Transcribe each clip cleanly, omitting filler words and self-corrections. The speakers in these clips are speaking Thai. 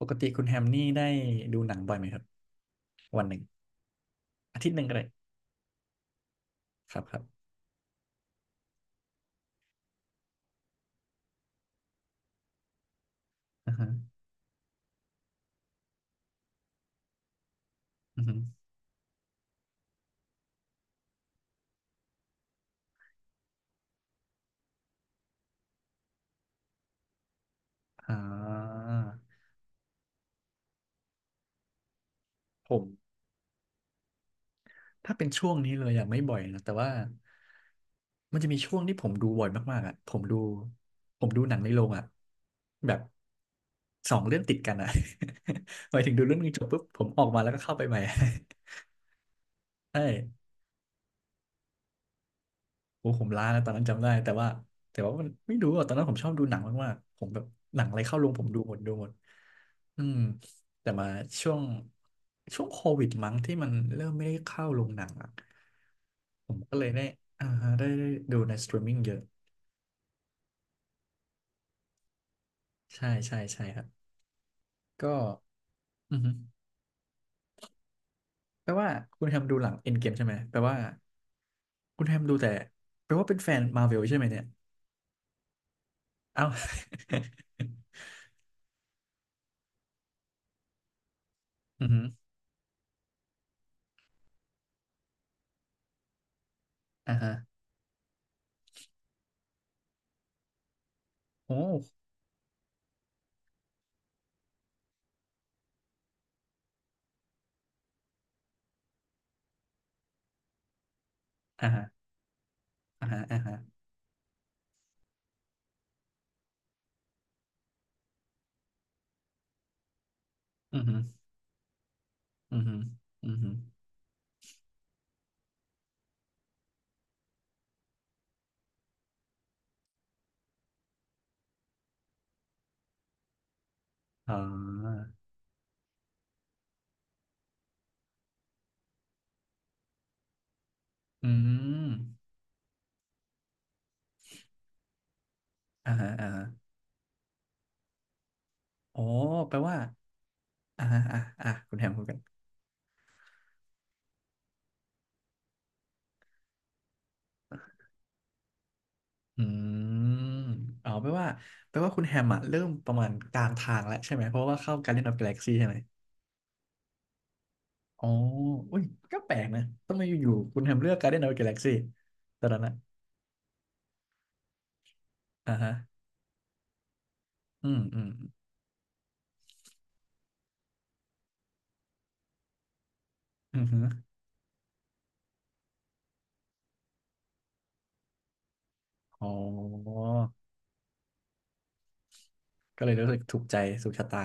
ปกติคุณแฮมนี่ได้ดูหนังบ่อยไหมครับวันหนึ่งอาทิตย์หนึ่งก็ได้ครับครับอือฮึอือฮึอ่าผมถ้าเป็นช่วงนี้เลยอะไม่บ่อยนะแต่ว่ามันจะมีช่วงที่ผมดูบ่อยมากๆอะผมดูหนังในโรงอะแบบสองเรื่องติดกันอ่ะ หมายถึงดูเรื่องหนึงจบปุ๊บผมออกมาแล้วก็เข้าไปใหม่ ใช่ โอ้ผมล้านะตอนนั้นจำได้แต่ว่ามันไม่รู้อ่ะตอนนั้นผมชอบดูหนังมากๆผมแบบหนังอะไรเข้าโรงผมดูหมดดูหมดอืมแต่มาช่วงโควิดมั้งที่มันเริ่มไม่ได้เข้าโรงหนังอ่ะผมก็เลยได้อ่าได้ดูในสตรีมมิ่งเยอะใช่ใช่ใช่ครับก็อือฮึแปลว่าคุณแฮมดูหลังเอ็นเกมใช่ไหมแปลว่าคุณแฮมดูแต่แปลว่าเป็นแฟนมา r v เวลใช่ไหมเนี่ยเอ้า อือฮึอ่าฮะโอ้อ่าฮะ อ่าฮะอ่าฮะอือฮึอือฮึอือฮึอ๋ออืมอ่าฮะอ่าฮะโอ้แปลว่าอ่าฮะอ่าอ่าคุณแฮมคุณกันอืมอ๋อแปลว่าคุณแฮมอะเริ่มประมาณกลางทางแล้วใช่ไหมเพราะว่าเข้า Guardian of Galaxy ใช่ไหมอ๋ออุ้ยก็แปลกนะทำไมอยู่ๆคุณแฮมเลือก Guardian of Galaxy ตอนนั้นอะอ่าฮะอืมอืมอืมอมอ๋อก็เลยรู้สึกถูกใจสุขชะตา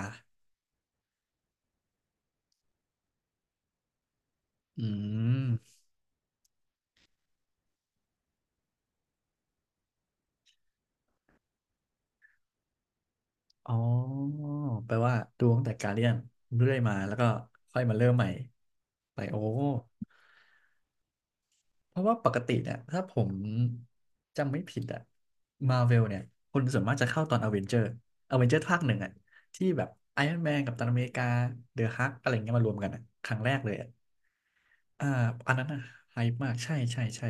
อืม อ๋อแปลว่าดูตั้งแต่การเรียนเรื่อยมาแล้วก็ค่อยมาเริ่มใหม่ไปโอ้เพราะว่าปกติเนี่ยถ้าผมจำไม่ผิดอะมาเวลเนี่ยคนส่วนมากจะเข้าตอนอเวนเจอร์อเวนเจอร์ภาคหนึ่งอะที่แบบไอรอนแมนกับตันอเมริกาเดอะฮักอะไรเงี้ยมารวมกันอะครั้งแรกเลยอะอ่าอันนั้นอะไฮป์มากใช่ใช่ใช่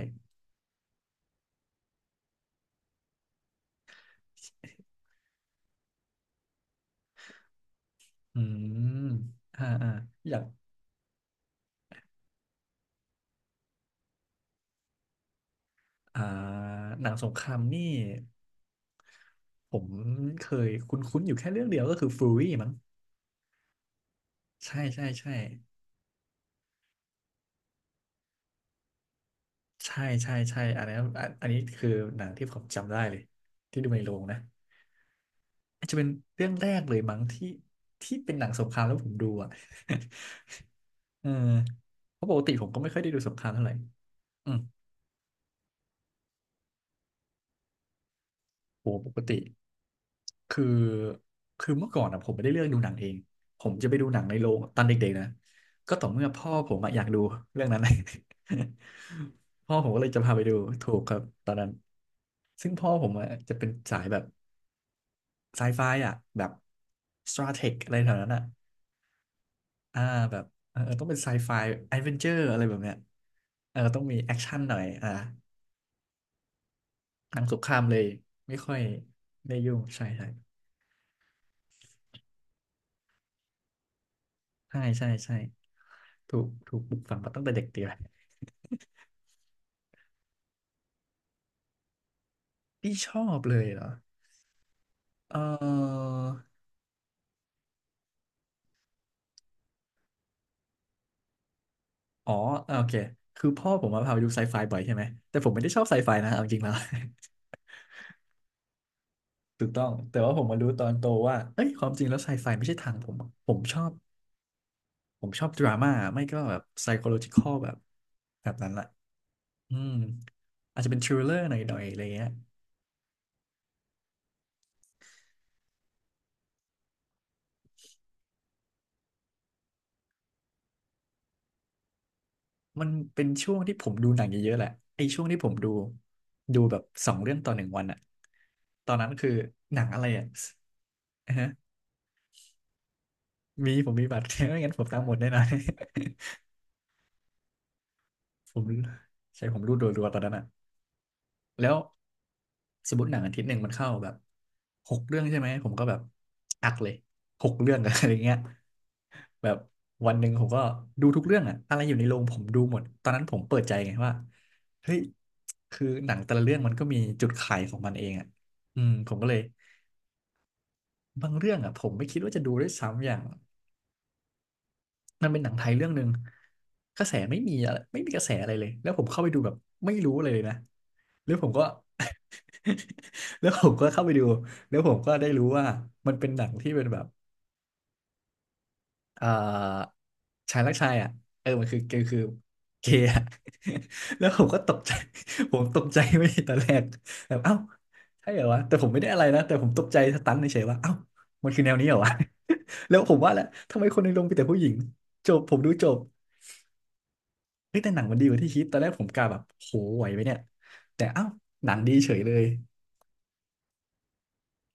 อืมอ่าอ่าอยาก อ่าหนังสงครามนี่ผมเคยคุ้นๆอยู่แค่เรื่องเดียวก็คือฟูรี่มั้งใช่ใช่ใช่ใช่ใช่ใช่อันนี้อันอันนี้คือหนังที่ผมจำได้เลยที่ดูในโรงนะอาจจะเป็นเรื่องแรกเลยมั้งที่เป็นหนังสงครามแล้วผมดูอ่ะ เออเพราะปกติผมก็ไม่ค่อยได้ดูสงครามเท่าไหร่อืม โอ้ปกติคือเมื่อก่อนอะผมไม่ได้เลือกดูหนังเองผมจะไปดูหนังในโรงตอนเด็กๆนะก็ต่อเมื่อพ่อผมอะอยากดูเรื่องนั้น พ่อผมก็เลยจะพาไปดูถูกครับตอนนั้นซึ่งพ่อผมอะจะเป็นสายแบบไซไฟอ่ะแบบสตราเทคอะไรแถวนั้นอ่ะอ่าแบบเออต้องเป็นไซไฟแอดเวนเจอร์อะไรแบบเนี้ยเออต้องมีแอคชั่นหน่อยอ่าหนังสงครามเลยไม่ค่อยได้ยุ่งใช่ใช่ใช่ใช่ใช่ ถูกปลูกฝังมาตั้งแต่เด็กดีเลยที่ชอบเลยเหรอเอออ๋ออ่าโอเค คือพ่อผมมาพาไปดูไซไฟบ่อยใช่ไหม แต่ผมไม่ได้ชอบไซไฟนะเอาจริงแล้ว ถูกต้องแต่ว่าผมมารู้ตอนโตว่าเอ้ยความจริงแล้วไซไฟไม่ใช่ทางผมผมชอบดราม่า ไม่ก็แบบไซโคโลจิคอลแบบนั้นแหละอืมอาจจะเป็นทริลเลอร์หน่อยๆอะไรเงี้ย มันเป็นช่วงที่ผมดูหนังเยอะๆแหละไอ้ช่วงที่ผมดูแบบสองเรื่องต่อหนึ่งวันอะตอนนั้นคือหนังอะไรอะฮะมีผมมีบัตร ไม่งั้นผมตามหมดแน่นอน ผมใช่ผมรูดรัวๆตอนนั้นอะ แล้วสมมติหนังอาทิตย์หนึ่งมันเข้าแบบหกเรื่องใช่ไหมผมก็แบบอักเลยหกเรื่อง อะไรเงี้ยแบบวันหนึ่งผมก็ดูทุกเรื่องอะอะไรอยู่ในโรงผมดูหมดตอนนั้นผมเปิดใจไงว่าเฮ้ยคือหนังแต่ละเรื่องมันก็มีจุดขายของมันเองอะอืมผมก็เลยบางเรื่องอะผมไม่คิดว่าจะดูด้วยซ้ำอย่างมันเป็นหนังไทยเรื่องหนึ่งกระแสไม่มีอะไรไม่มีกระแสอะไรเลยแล้วผมเข้าไปดูแบบไม่รู้อะไรเลยนะแล้วผมก็ แล้วผมก็เข้าไปดูแล้วผมก็ได้รู้ว่ามันเป็นหนังที่เป็นแบบเอ่อชายรักชายอ่ะเออมันคือเกอคือเกย์อะ แล้วผมก็ตกใจ ผมตกใจไม่ใช่ตอนแรกแบบเอ้าใช่เหรอวะแต่ผมไม่ได้อะไรนะแต่ผมตกใจสตันเฉยๆว่าเอ้ามันคือแนวนี้เหรอวะ แล้วผมว่าแหละทำไมคนในโรงมีแต่ผู้หญิงจบผมดูจบเฮ้ยแต่หนังมันดีกว่าที่คิดตอนแรกผมกะแบบโหไหวไหมเนี่ยแต่เอ้าหนังดีเฉยเลย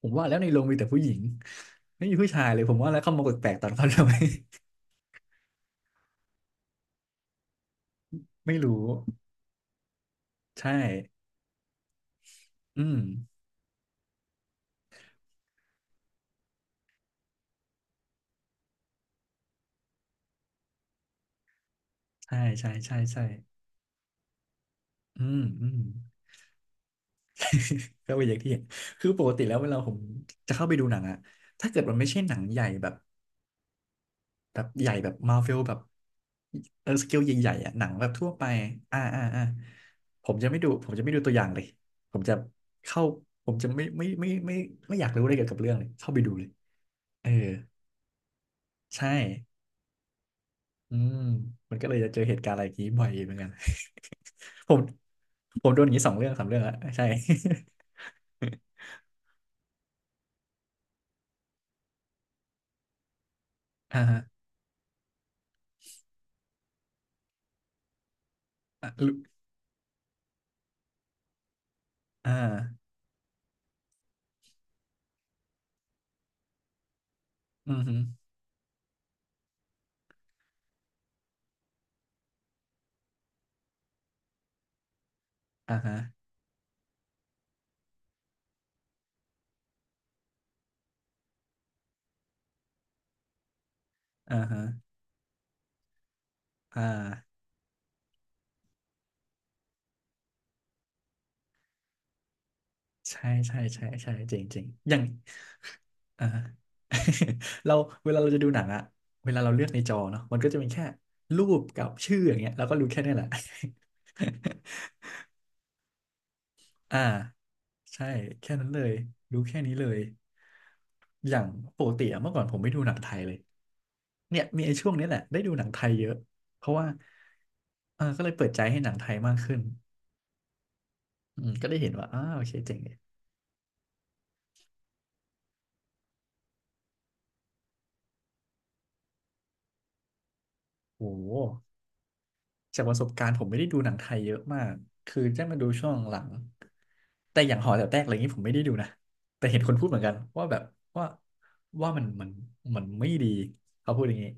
ผมว่าแล้วในโรงมีแต่ผู้หญิงไม่มีผู้ชายเลยผมว่าแล้วเขามากดแปลกๆตอนเขาทำไม ไม่รู้ใช่อืมใช่ใช่ใช่ใช่อืมอืม ก็เป็นอย่างที่เห็นคือปกติแล้วเวลาผมจะเข้าไปดูหนังอะถ้าเกิดมันไม่ใช่หนังใหญ่แบบใหญ่แบบมาร์เวลแบบเออสเกลใหญ่ๆอะหนังแบบทั่วไปอ่าอ่าอ่าผมจะไม่ดูผมจะไม่ดูตัวอย่างเลยผมจะเข้าผมจะไม่ไม่อยากรู้อะไรเกี่ยวกับเรื่องเลยเข้าไปดูเลยเออใช่ อืมมันก็เลยจะเจอเหตุการณ์อะไรอย่างนี้บ่อยเหมือนกัน ผมผมโดนอย่างนี้สองเรื่องสามเรื่องอะใช่ อ่าฮะอ่ะลุอ่าอือฮึอ่าฮะอ่าฮะอ่าใช่ใช่ใช่ใช่จริงจริงอย่างอ่า เราเวลาเราจะดูหนังอะเวลาเราเลือกในจอเนาะมันก็จะมีแค่รูปกับชื่ออย่างเงี้ยเราก็รู้แค่นี้แหละ อ่าใช่แค่นั้นเลยรู้แค่นี้เลยอย่างปกติอะเมื่อก่อนผมไม่ดูหนังไทยเลยเนี่ยมีไอ้ช่วงนี้แหละได้ดูหนังไทยเยอะเพราะว่าเออก็เลยเปิดใจให้หนังไทยมากขึ้นอืมก็ได้เห็นว่าอ้าวโอเคเจ๋งเลยโอ้โหจากประสบการณ์ผมไม่ได้ดูหนังไทยเยอะมากคือได้มาดูช่วงหลังแต่อย่างหอแต๋วแตกอะไรอย่างนี้ผมไม่ได้ดูนะแต่เห็นคนพูดเหมือนกันว่าแบบว่าว่ามันมันไม่ดีเขาพูดอย่างนี้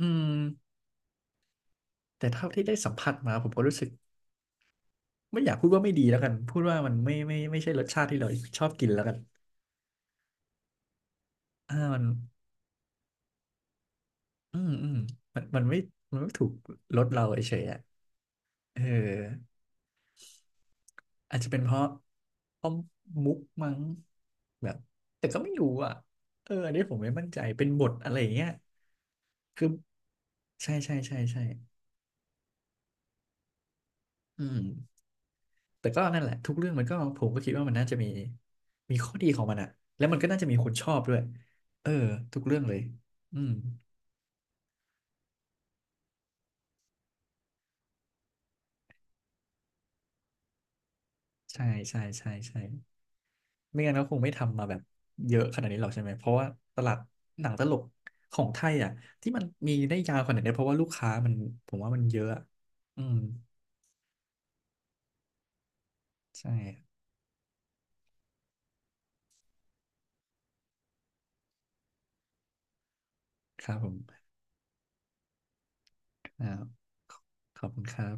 อืม แต่เท่าที่ได้สัมผัสมาผมก็รู้สึกไม่อยากพูดว่าไม่ดีแล้วกันพูดว่ามันไม่ไม่ใช่รสชาติที่เราชอบกินแล้วกันอ่ามันอืมอืมมันไม่มันไม่ถูกรสเราเฉยๆอ่ะเอออาจจะเป็นเพราะเพราะมุกมั้งแบบแต่ก็ไม่รู้อ่ะเอออันนี้ผมไม่มั่นใจเป็นบทอะไรอย่างเงี้ยคือใช่ใช่ใช่ใช่อืม แต่ก็นั่นแหละทุกเรื่องมันก็ผมก็คิดว่ามันน่าจะมีมีข้อดีของมันอะแล้วมันก็น่าจะมีคนชอบด้วยเออทุกเรื่องเลยอืมใช่ใช่ใช่ใช่ไม่งั้นก็คงไม่ทำมาแบบเยอะขนาดนี้หรอกใช่ไหมเพราะว่าตลาดหนังตลกของไทยอ่ะที่มันมีได้ยาวขนาดนี้เพราะว่าลูกค้ามันผมว่ามันเยอะอะอืมใช่ครับผมอ่าขอบคุณครับ